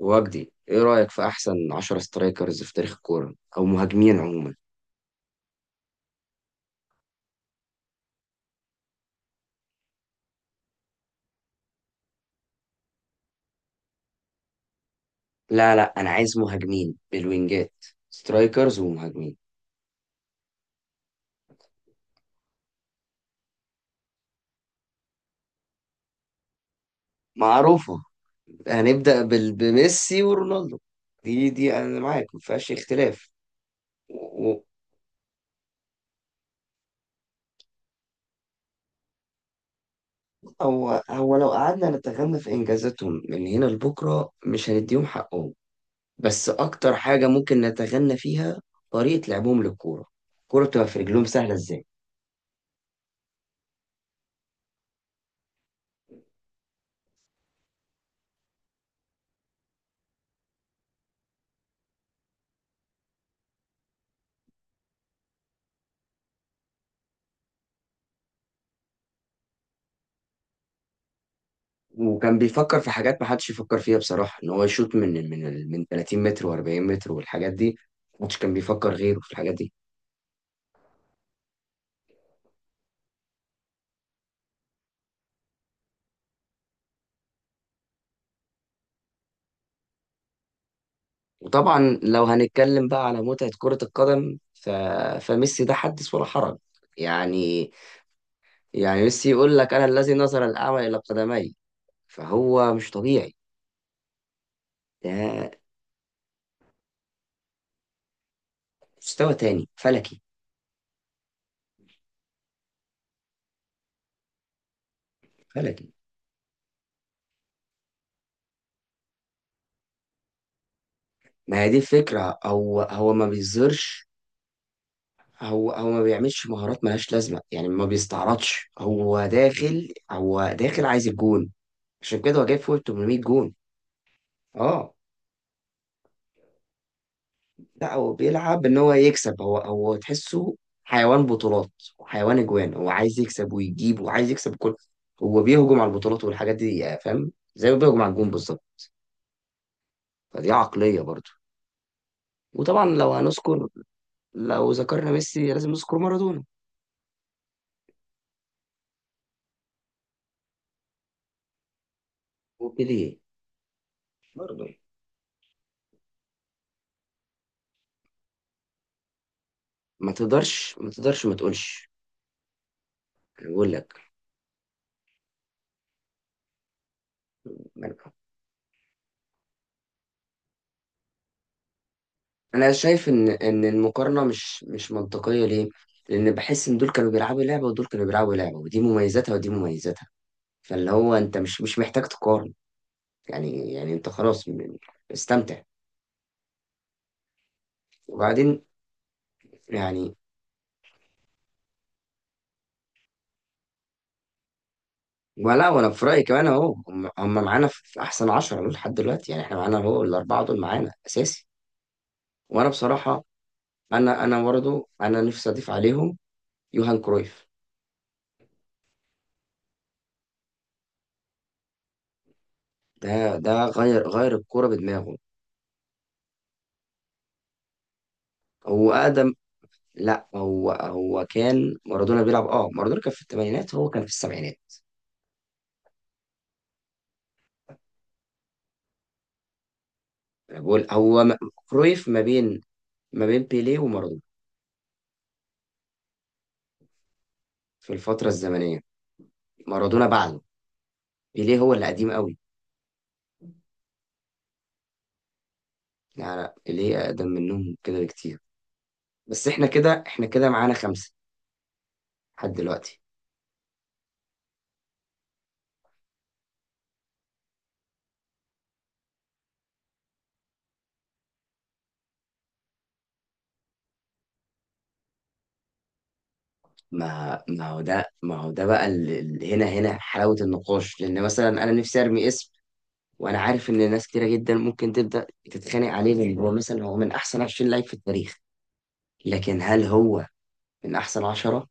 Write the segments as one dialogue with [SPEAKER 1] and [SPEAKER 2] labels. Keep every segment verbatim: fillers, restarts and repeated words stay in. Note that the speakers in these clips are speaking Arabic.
[SPEAKER 1] وجدي، ايه رأيك في احسن عشرة سترايكرز في تاريخ الكورة او مهاجمين عموما؟ لا لا انا عايز مهاجمين بالوينجات. سترايكرز ومهاجمين معروفة. هنبدأ بال- بميسي ورونالدو. دي دي انا معاك، ما فيهاش اختلاف. و- و- هو هو لو قعدنا نتغنى في انجازاتهم من هنا لبكرة مش هنديهم حقهم، بس اكتر حاجة ممكن نتغنى فيها طريقة لعبهم للكورة. الكورة بتبقى في رجلهم سهلة ازاي. وكان بيفكر في حاجات ما حدش يفكر فيها بصراحة، ان هو يشوط من من ال- من تلاتين متر و40 متر والحاجات دي. ما حدش كان بيفكر غيره في الحاجات دي. وطبعا لو هنتكلم بقى على متعة كرة القدم ف... فميسي ده حدث ولا حرج. يعني يعني ميسي يقول لك انا الذي نظر الاعمى الى قدمي، فهو مش طبيعي. ده مستوى تاني فلكي، فلكي. ما هي دي الفكرة، هو هو ما بيظهرش. هو هو ما بيعملش مهارات ملهاش لازمه، يعني ما بيستعرضش. هو داخل هو داخل عايز الجون. عشان كده هو جايب فوق تمنمية جون. اه، لا هو بيلعب ان هو يكسب. هو هو تحسه حيوان بطولات وحيوان اجوان. هو عايز يكسب ويجيب، وعايز يكسب كل. هو بيهجم على البطولات والحاجات دي، آه، فاهم، زي ما بيهجم على الجون بالظبط. فدي عقليه برضه. وطبعا لو هنذكر، لو ذكرنا ميسي لازم نذكر مارادونا وبيليه برضه. ما تقدرش، ما تقدرش ما تقولش. أنا بقول لك انا شايف ان ان المقارنه مش مش منطقيه، ليه؟ لان بحس ان دول كانوا بيلعبوا لعبه ودول كانوا بيلعبوا لعبه، ودي مميزاتها ودي مميزاتها. فاللي هو انت مش مش محتاج تقارن. يعني يعني انت خلاص، م- استمتع. وبعدين يعني، ولا وانا في رايي كمان اهو، هم هم معانا في في احسن عشرة دول لحد دلوقتي. يعني احنا معانا اهو الاربعه دول معانا اساسي. وانا بصراحه، انا انا برضه انا نفسي اضيف عليهم يوهان كرويف. ده ده غير، غير الكوره بدماغه. هو اقدم، لا هو هو كان مارادونا بيلعب. اه، مارادونا كان في الثمانينات، هو كان في السبعينات. أنا بقول هو، م- كرويف ما بين، ما بين بيليه ومارادونا في الفترة الزمنية. مارادونا بعده، بيليه هو اللي قديم قوي. لا لا بيليه أقدم منهم كده بكتير. بس احنا كده، احنا كده معانا خمسة لحد دلوقتي. ما ما هو ده، ما هو ده بقى ال- ال- هنا، هنا حلاوة النقاش، لأن مثلا أنا نفسي أرمي اسم. وأنا عارف إن ناس كتيرة جدا ممكن تبدأ تتخانق عليه، لأن هو مثلا هو من أحسن عشرين لعيب في التاريخ، لكن هل هو من أحسن عشرة؟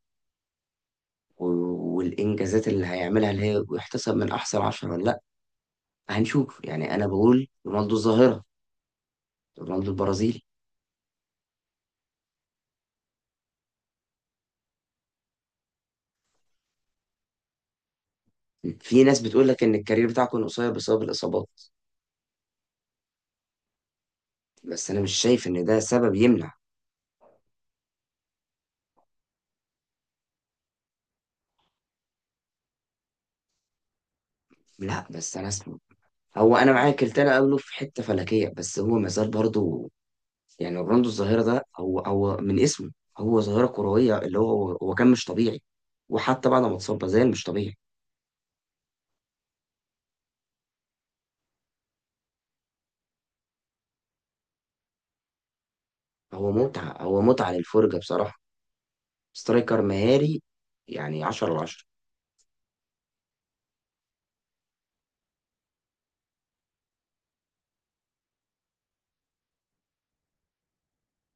[SPEAKER 1] و- والإنجازات اللي هيعملها اللي هي، ويحتسب من أحسن عشرة ولا لأ؟ هنشوف. يعني أنا بقول رونالدو الظاهرة، رونالدو البرازيلي. في ناس بتقول لك إن الكارير بتاعه كان قصير بسبب الإصابات، بس أنا مش شايف إن ده سبب يمنع. لأ، بس أنا اسمه، هو أنا معاك التاني قبله في حتة فلكية، بس هو مازال برضه. يعني رونالدو الظاهرة ده، هو هو من اسمه، هو ظاهرة كروية. اللي هو هو كان مش طبيعي، وحتى بعد ما اتصاب ما زال مش طبيعي. هو متعة، هو متعة للفرجة بصراحة. سترايكر مهاري، يعني عشرة على عشرة.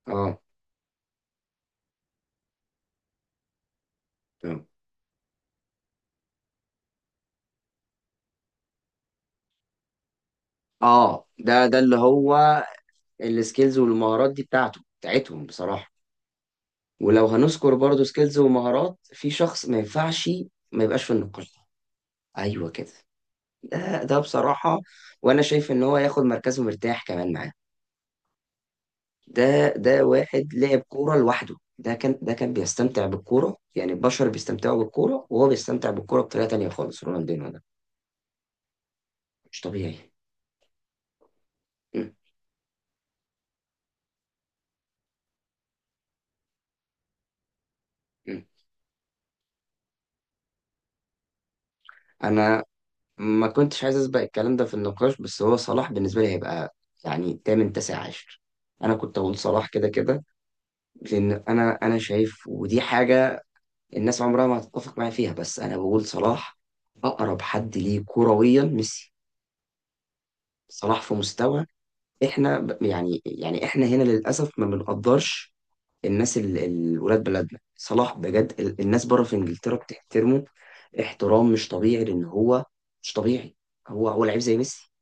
[SPEAKER 1] اه، تمام. اه، ده ده اللي هو السكيلز والمهارات دي بتاعته، بتاعتهم بصراحة. ولو هنذكر برضو سكيلز ومهارات في شخص ما ينفعش ما يبقاش في النقاش. ايوه كده. ده ده بصراحة. وانا شايف ان هو ياخد مركزه مرتاح كمان معاه. ده ده واحد لعب كورة لوحده. ده كان ده كان بيستمتع بالكورة، يعني البشر بيستمتعوا بالكورة وهو بيستمتع بالكورة بطريقة تانية خالص، رونالدينو ده مش طبيعي. م- م. انا ما كنتش عايز اسبق الكلام ده في النقاش، بس هو صلاح بالنسبه لي هيبقى يعني تامن، تاسع عشر. انا كنت اقول صلاح كده كده، لان انا انا شايف ودي حاجه الناس عمرها ما هتتفق معايا فيها، بس انا بقول صلاح اقرب حد ليه كرويا ميسي. صلاح في مستوى، احنا ب- يعني، يعني احنا هنا للاسف ما بنقدرش. الناس ال- ال- ولاد بلدنا، صلاح بجد ال- الناس بره في انجلترا بتحترمه احترام مش طبيعي، لان هو مش طبيعي. هو هو لعيب زي ميسي،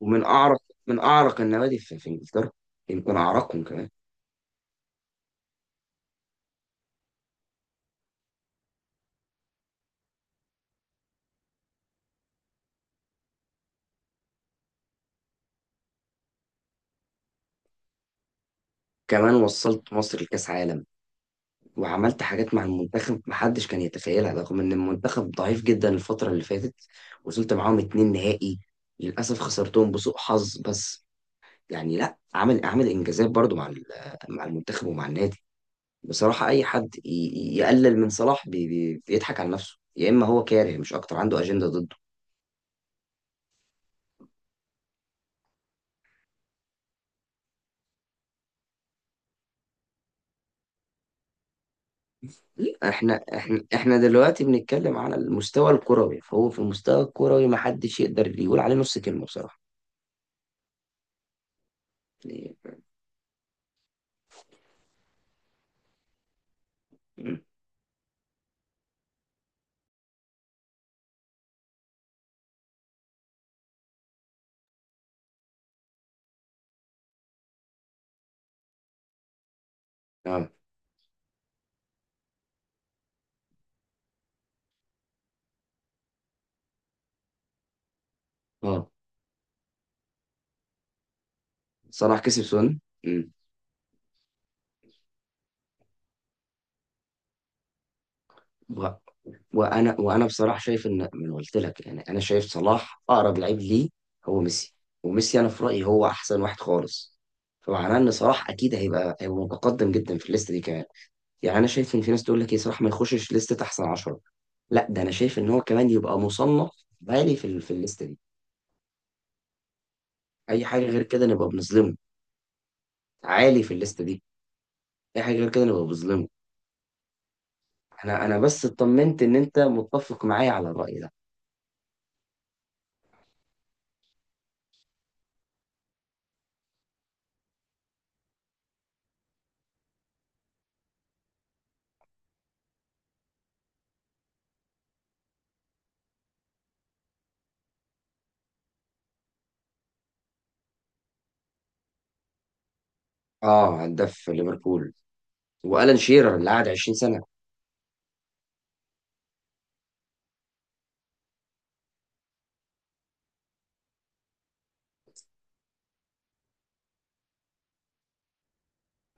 [SPEAKER 1] ومن اعرق، من اعرق النوادي في، في انجلترا، يمكن اعرقهم كمان. كمان وصلت مصر لكاس عالم، وعملت حاجات مع المنتخب محدش كان يتخيلها، رغم ان المنتخب ضعيف جدا الفتره اللي فاتت. وصلت معاهم اتنين نهائي، للاسف خسرتهم بسوء حظ بس. يعني لا، عامل، عامل انجازات برضو مع ال- مع المنتخب ومع النادي. بصراحه اي حد ي- ي- يقلل من صلاح بي بي بيضحك على نفسه، يا اما هو كاره مش اكتر، عنده اجنده ضد. لا، احنا احنا احنا دلوقتي بنتكلم على المستوى الكروي، فهو في المستوى الكروي ما حدش يقدر يقول عليه نص كلمة بصراحة. يعني- مم. اه، اه صلاح كسب سن. مم. و... وانا وانا بصراحة شايف ان، ما أنا قلت لك، يعني انا شايف صلاح اقرب لعيب ليه هو ميسي. وميسي انا في رأيي هو احسن واحد خالص، فمعناه ان صلاح اكيد هيبقى هيبقى متقدم جدا في الليسته دي كمان. يعني انا شايف ان في ناس تقول لك ايه، صلاح ما يخشش لستة احسن عشرة؟ لا، ده انا شايف ان هو كمان يبقى مصنف عالي في ال- في الليسته دي. اي حاجه غير كده نبقى بنظلمه. عالي في الليسته دي، اي حاجه غير كده نبقى بنظلمه. انا انا بس اطمنت ان انت متفق معايا على الراي ده. اه، هداف ليفربول والان شيرر اللي قعد عشرين سنه.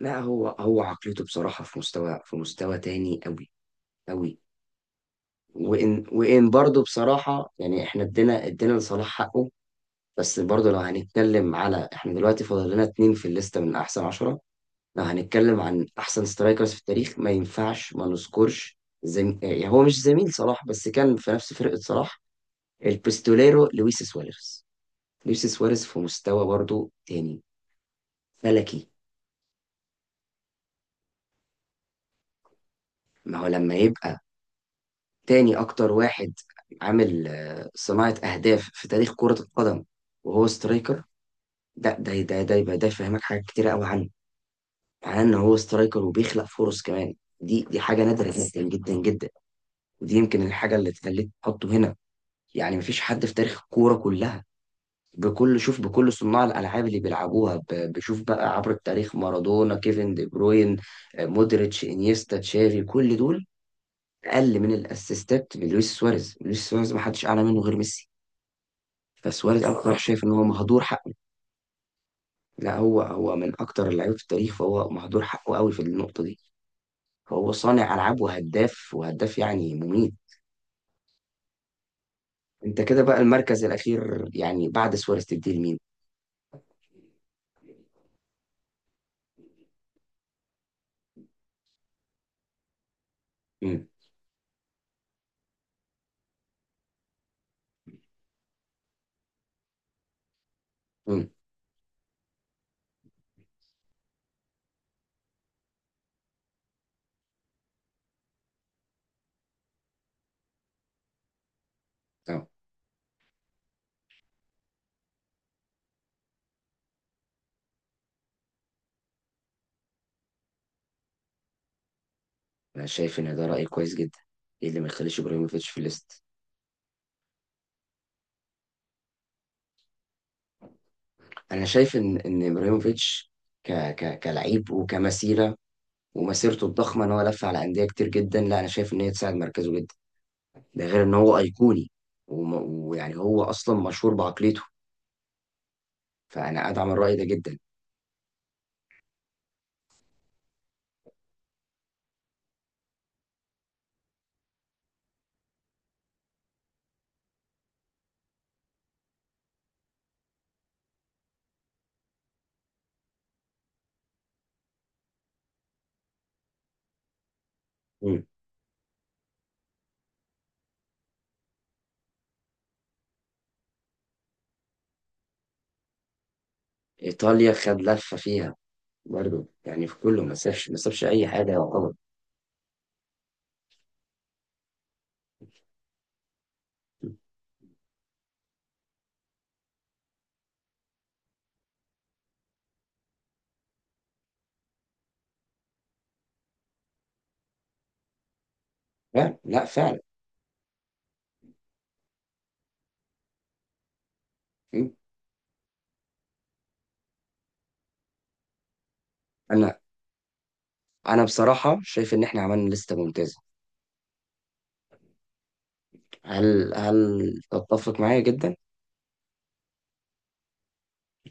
[SPEAKER 1] لا هو هو عقليته بصراحه في مستوى، في مستوى تاني قوي، قوي. وان وان برضه بصراحه يعني احنا ادينا، ادينا لصلاح حقه، بس برضه لو هنتكلم على، احنا دلوقتي فاضل لنا اتنين في الليسته من احسن عشرة. لو هنتكلم عن احسن سترايكرز في التاريخ ما ينفعش ما نذكرش زم... يعني هو مش زميل صلاح بس كان في نفس فرقه صلاح، البستوليرو لويس سواريز. لويس سواريز في مستوى برضه تاني، فلكي. ما هو لما يبقى تاني اكتر واحد عامل آه، صناعه اهداف في تاريخ كره القدم وهو سترايكر، ده ده ده ده يبقى ده يفهمك حاجات كتير قوي عنه. مع ان هو سترايكر وبيخلق فرص كمان، دي دي حاجه نادره جدا جدا جدا. ودي يمكن الحاجه اللي تخليك تحطه هنا. يعني مفيش حد في تاريخ الكوره كلها، بكل شوف، بكل صناع الالعاب اللي بيلعبوها ب- بشوف بقى عبر التاريخ، مارادونا، كيفن دي بروين، آه، مودريتش، انيستا، تشافي، كل دول اقل من الاسيستات من لويس سواريز. لويس سواريز ما حدش اعلى منه غير ميسي. فسواريز انا بصراحه شايف ان هو مهدور حقه. لا هو هو من اكتر اللعيبه في التاريخ، فهو مهدور حقه قوي في النقطه دي. هو صانع ألعاب وهداف، وهداف يعني مميت. أنت كده بقى المركز الأخير يعني بعد سواريز تديه لمين؟ امم، امم. اه، انا شايف ان ده راي كويس جدا. ايه اللي ما يخليش ابراهيموفيتش في الليست؟ انا شايف ان ان ابراهيموفيتش ك ك كلعيب وكمسيره، ومسيرته الضخمه ان هو لف على انديه كتير جدا، لا انا شايف ان هي تساعد مركزه جدا. ده غير ان هو ايقوني، وم- ويعني هو اصلا مشهور بعقليته. فانا ادعم الراي ده جدا. امم، ايطاليا خد لفه فيها برضه. يعني في كله ما سابش، ما سابش اي حاجه يعتبر. فعلا، لا فعلا. م. انا انا بصراحه شايف ان احنا عملنا لسته ممتازه. هل، هل تتفق معايا جدا؟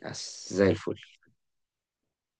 [SPEAKER 1] بس زي الفل.